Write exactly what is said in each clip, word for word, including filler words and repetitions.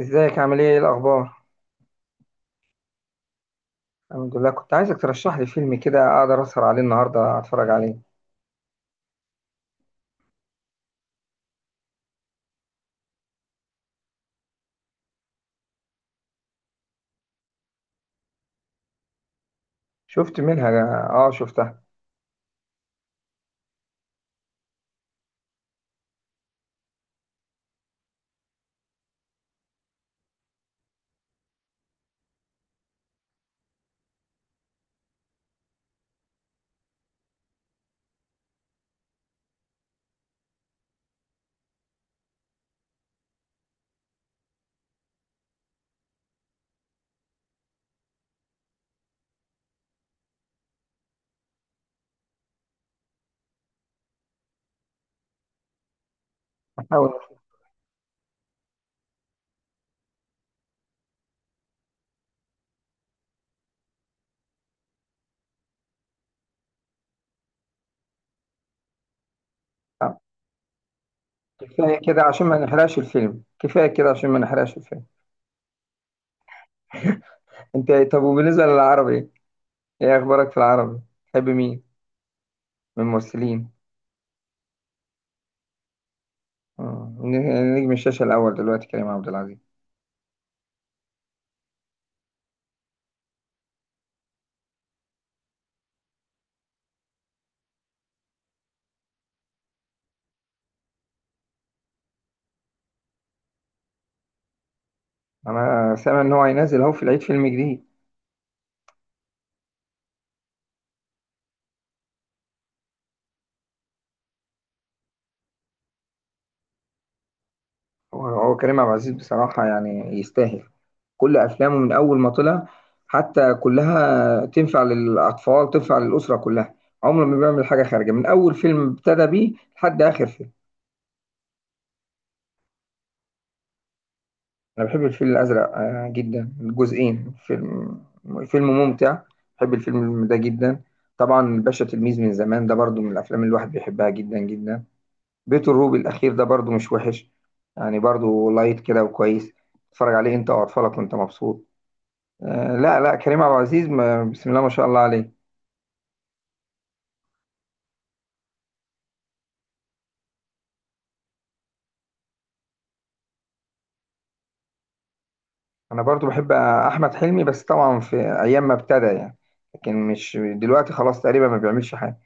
ازيك، عامل ايه؟ ايه الاخبار؟ الحمد لله، كنت عايزك ترشح لي فيلم كده اقدر اسهر عليه النهارده اتفرج عليه. شفت منها. اه، شفتها. احاول أفهم. كفايه كده عشان ما نحرقش الفيلم، كفايه كده عشان ما نحرقش الفيلم. انت إيه؟ طب، وبالنسبه للعربي، ايه اخبارك في العربي؟ تحب مين من الممثلين؟ مم. ن- نجم الشاشه الاول دلوقتي كريم عبد العزيز. انا سامع ان هو هينزل اهو في العيد فيلم جديد. هو هو كريم عبد العزيز بصراحه، يعني يستاهل. كل افلامه من اول ما طلع حتى كلها تنفع للاطفال، تنفع للاسره كلها. عمره ما بيعمل حاجه خارجه، من اول فيلم ابتدى بيه لحد اخر فيلم. انا بحب الفيل الازرق آه، جدا، الجزئين. فيلم، فيلم ممتع. بحب الفيلم ده جدا. طبعا الباشا تلميذ من زمان ده برضو من الافلام اللي الواحد بيحبها جدا جدا. بيت الروبي الاخير ده برضو مش وحش، يعني برضو لايت كده وكويس، تتفرج عليه انت واطفالك وانت مبسوط. آه، لا لا، كريم عبد العزيز، ما- بسم الله ما شاء الله عليه. انا برضو بحب احمد حلمي، بس طبعا في ايام ما ابتدى يعني، لكن مش دلوقتي خلاص تقريبا ما بيعملش حاجه،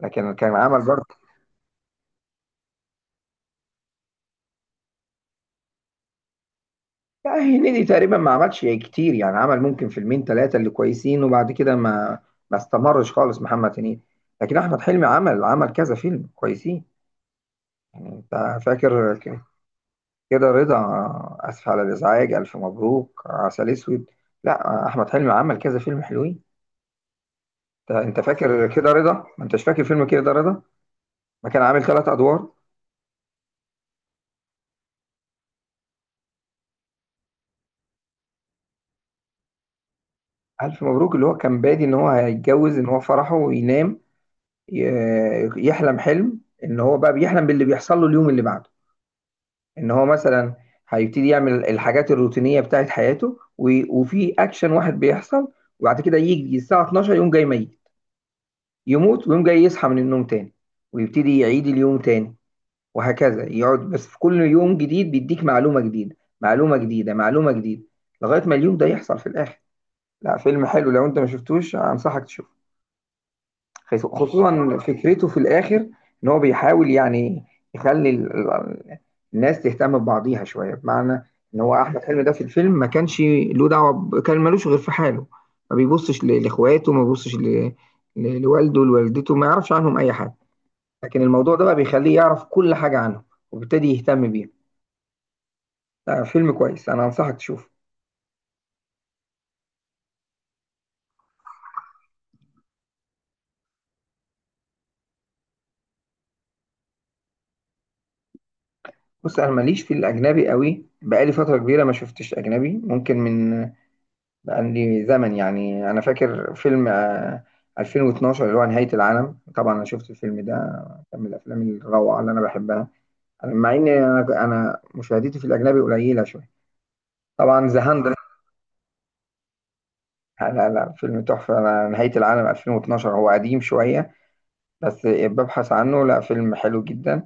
لكن كان عمل برضه. لا، هنيدي تقريبا ما عملش كتير، يعني عمل ممكن فيلمين ثلاثه اللي كويسين، وبعد كده ما ما استمرش خالص محمد هنيدي. لكن احمد حلمي عمل، عمل كذا فيلم كويسين. يعني انت فاكر ك- كده رضا؟ اسف على الازعاج، الف مبروك، عسل اسود. لا، احمد حلمي عمل كذا فيلم حلوين. انت أنت فاكر كده رضا؟ ما انتش فاكر فيلم كده رضا؟ ما كان عامل ثلاث ادوار. ألف مبروك، اللي هو كان بادي إن هو هيتجوز، إن هو فرحه وينام، ي- يحلم حلم إن هو بقى بيحلم باللي بيحصل له اليوم اللي بعده. إن هو مثلا هيبتدي يعمل الحاجات الروتينية بتاعت حياته و- وفي أكشن واحد بيحصل، وبعد كده يجي الساعة اتناشر، يقوم جاي ميت، يموت ويقوم جاي يصحى من النوم تاني، ويبتدي يعيد اليوم تاني، وهكذا. يقعد بس في كل يوم جديد بيديك معلومة جديدة، معلومة جديدة، معلومة جديدة، لغاية ما اليوم ده يحصل في الآخر. لا، فيلم حلو، لو أنت ما شفتوش أنصحك تشوفه، خس- خصوصا فكرته في الاخر. ان هو بيحاول يعني يخلي ال- ال- الناس تهتم ببعضيها شويه، بمعنى ان هو احمد حلمي ده في الفيلم ما كانش له دعوه، ب- كان ملوش غير في حاله، ما بيبصش ل- لاخواته، ما بيبصش ل- ل- لوالده، لوالدته، ما يعرفش عنهم اي حاجه. لكن الموضوع ده بقى بيخليه يعرف كل حاجه عنهم، وبالتالي يهتم بيهم. لا، فيلم كويس، انا انصحك تشوفه. بص، انا ماليش في الاجنبي قوي، بقالي فتره كبيره ما شفتش اجنبي، ممكن من عندي زمن. يعني انا فاكر فيلم آه، ألفين واتناشر اللي هو نهاية العالم. طبعا انا شفت الفيلم ده، كان من الافلام الروعة اللي انا بحبها. أنا- مع ان انا أنا مشاهدتي في الاجنبي قليلة شوية. طبعا ذا هاند. لا لا لا، فيلم تحفة، أنا نهاية العالم ألفين واتناشر هو قديم شوية بس ببحث عنه، لا، فيلم حلو جدا.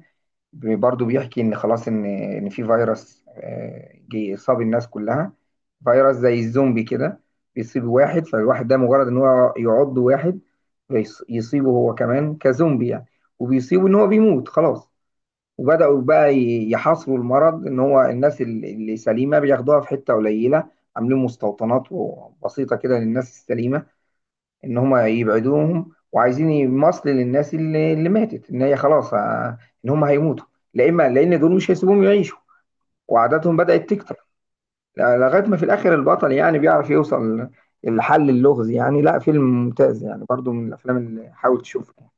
برضه بيحكي ان خلاص، ان ان في فيروس آه، جه صاب الناس كلها، فيروس زي الزومبي كده. بيصيب واحد، فالواحد ده مجرد ان هو يعض واحد فيص- يصيبه هو كمان كزومبي يعني، وبيصيبه ان هو بيموت خلاص. وبدأوا بقى ي- يحاصروا المرض، ان هو الناس ال- اللي سليمة بياخدوها في حتة قليلة، عاملين مستوطنات و- بسيطة كده للناس السليمة ان هم يبعدوهم، وعايزين يمصل للناس اللي, اللي ماتت، ان هي خلاص آه، ان هم هيموتوا، لا اما لان دول مش هيسيبوهم يعيشوا، وعاداتهم بدأت تكتر. لا- لغايه ما في الاخر البطل يعني بيعرف يوصل لحل اللغز، يعني لا، فيلم ممتاز يعني، برضو من الافلام اللي حاول تشوفها.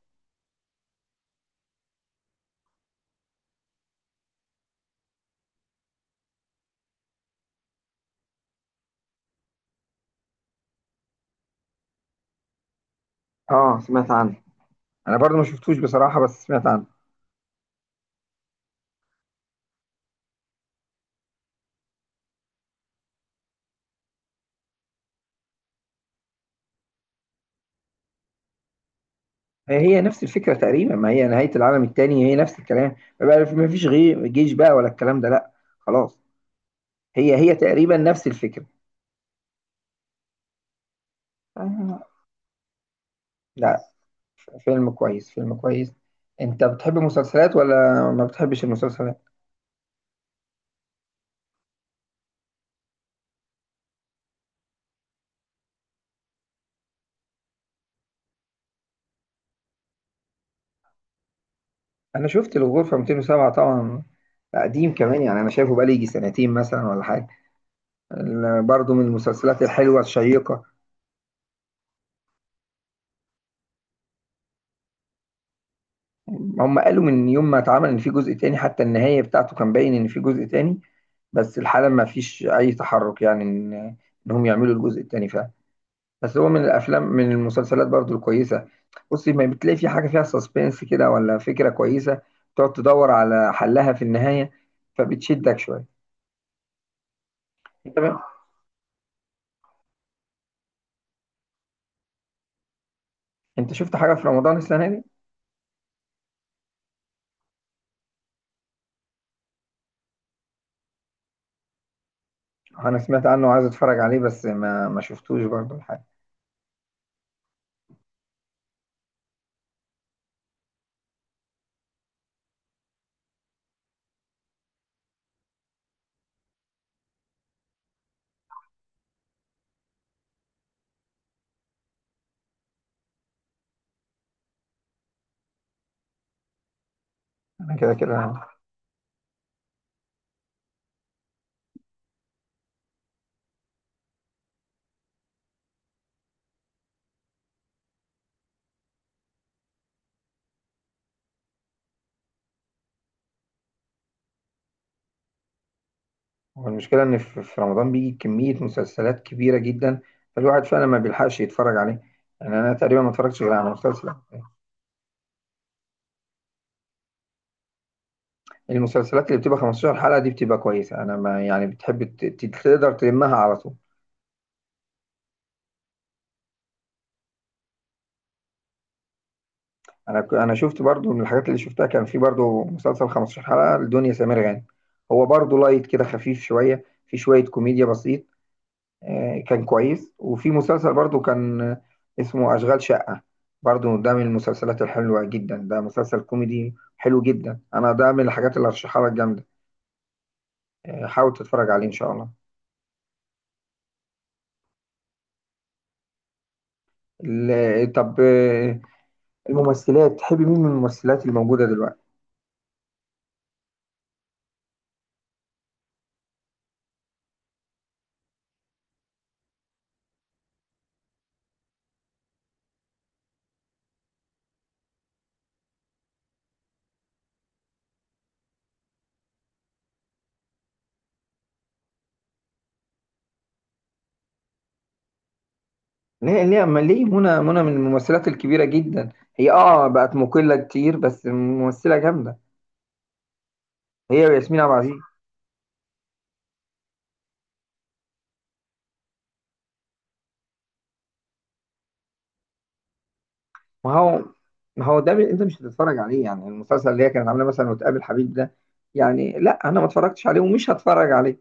اه، سمعت عنه. انا برضو ما شفتوش بصراحه، بس سمعت عنه. هي هي نفس الفكره تقريبا، ما هي نهايه العالم الثاني هي نفس الكلام بقى، ما فيش غير جيش بقى ولا الكلام ده، لا، خلاص. هي هي تقريبا نفس الفكره. آه، لا، فيلم كويس، فيلم كويس. انت بتحب المسلسلات ولا ما بتحبش المسلسلات؟ انا شفت الغرفة مئتين وسبعة طبعا، قديم كمان يعني، انا شايفه بقالي يجي سنتين مثلا ولا حاجة. ال- برضه من المسلسلات الحلوة الشيقة. هم قالوا من يوم ما اتعمل ان في جزء تاني، حتى النهاية بتاعته كان باين ان في جزء تاني، بس الحالة ما فيش اي تحرك يعني ان انهم يعملوا الجزء التاني فعلا. بس هو من الافلام، من المسلسلات برضو الكويسه. بصي، ما بتلاقي في حاجه فيها سسبنس كده ولا فكره كويسه، تقعد تدور على حلها في النهايه، فبتشدك شويه. انت بقى، انت شفت حاجه في رمضان السنه دي؟ انا سمعت عنه وعايز اتفرج عليه، بس ما ما شفتوش برضو الحاجه. انا كده كده. هو المشكله، ان في في رمضان بيجي كميه مسلسلات كبيره جدا، فالواحد فعلا ما بيلحقش يتفرج عليه، يعني انا تقريبا ما اتفرجتش غير على مسلسل. المسلسلات اللي بتبقى خمسة عشر حلقه دي بتبقى كويسه، انا ما يعني، بتحب ت- ت- تقدر تلمها على طول. انا ك- انا شفت برضو من الحاجات اللي شفتها، كان في برضو مسلسل خمسة عشر حلقة لدنيا سمير غانم، هو برضو لايت كده، خفيف شوية، في شوية كوميديا بسيط، آه، كان كويس. وفي مسلسل برضو كان آه، اسمه أشغال شقة، برضو ده من المسلسلات الحلوة جدا، ده مسلسل كوميدي حلو جدا، انا ده من الحاجات اللي هرشحها لك جامدة، آه، حاول تتفرج عليه ان شاء الله. ال- طب، آه، الممثلات، تحب مين من الممثلات الموجودة دلوقتي؟ ليه، ليه؟ أما ليه، منى، منى من الممثلات الكبيرة جدا. هي اه بقت مقلة كتير، بس ممثلة جامدة، هي وياسمين عبد العزيز. ما هو ما هو ده، بي- انت مش هتتفرج عليه يعني، المسلسل اللي هي كانت عاملاه مثلا وتقابل حبيب ده، يعني لا انا ما اتفرجتش عليه ومش هتفرج عليه.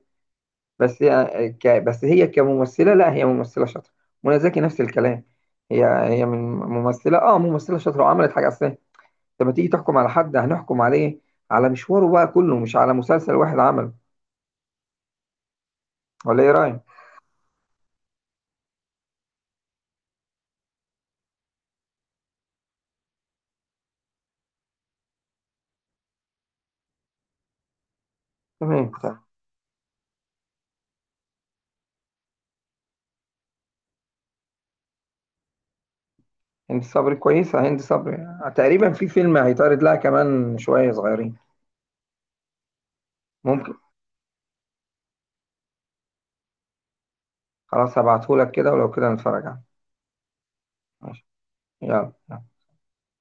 بس هي ك... بس هي كممثلة، لا هي ممثلة شاطرة. منى زكي نفس الكلام، هي هي من ممثلة، اه ممثلة شاطرة وعملت حاجة اصلا. لما تيجي تحكم على حد هنحكم عليه على مشواره بقى كله، مش على مسلسل واحد عمله، ولا ايه رأيك؟ تمام، هند صبري كويسة. هند صبري تقريبا في فيلم هيتعرض لها كمان شوية صغيرين. ممكن. خلاص، هبعتهولك كده، ولو كده نتفرج عليه. ماشي. يلا.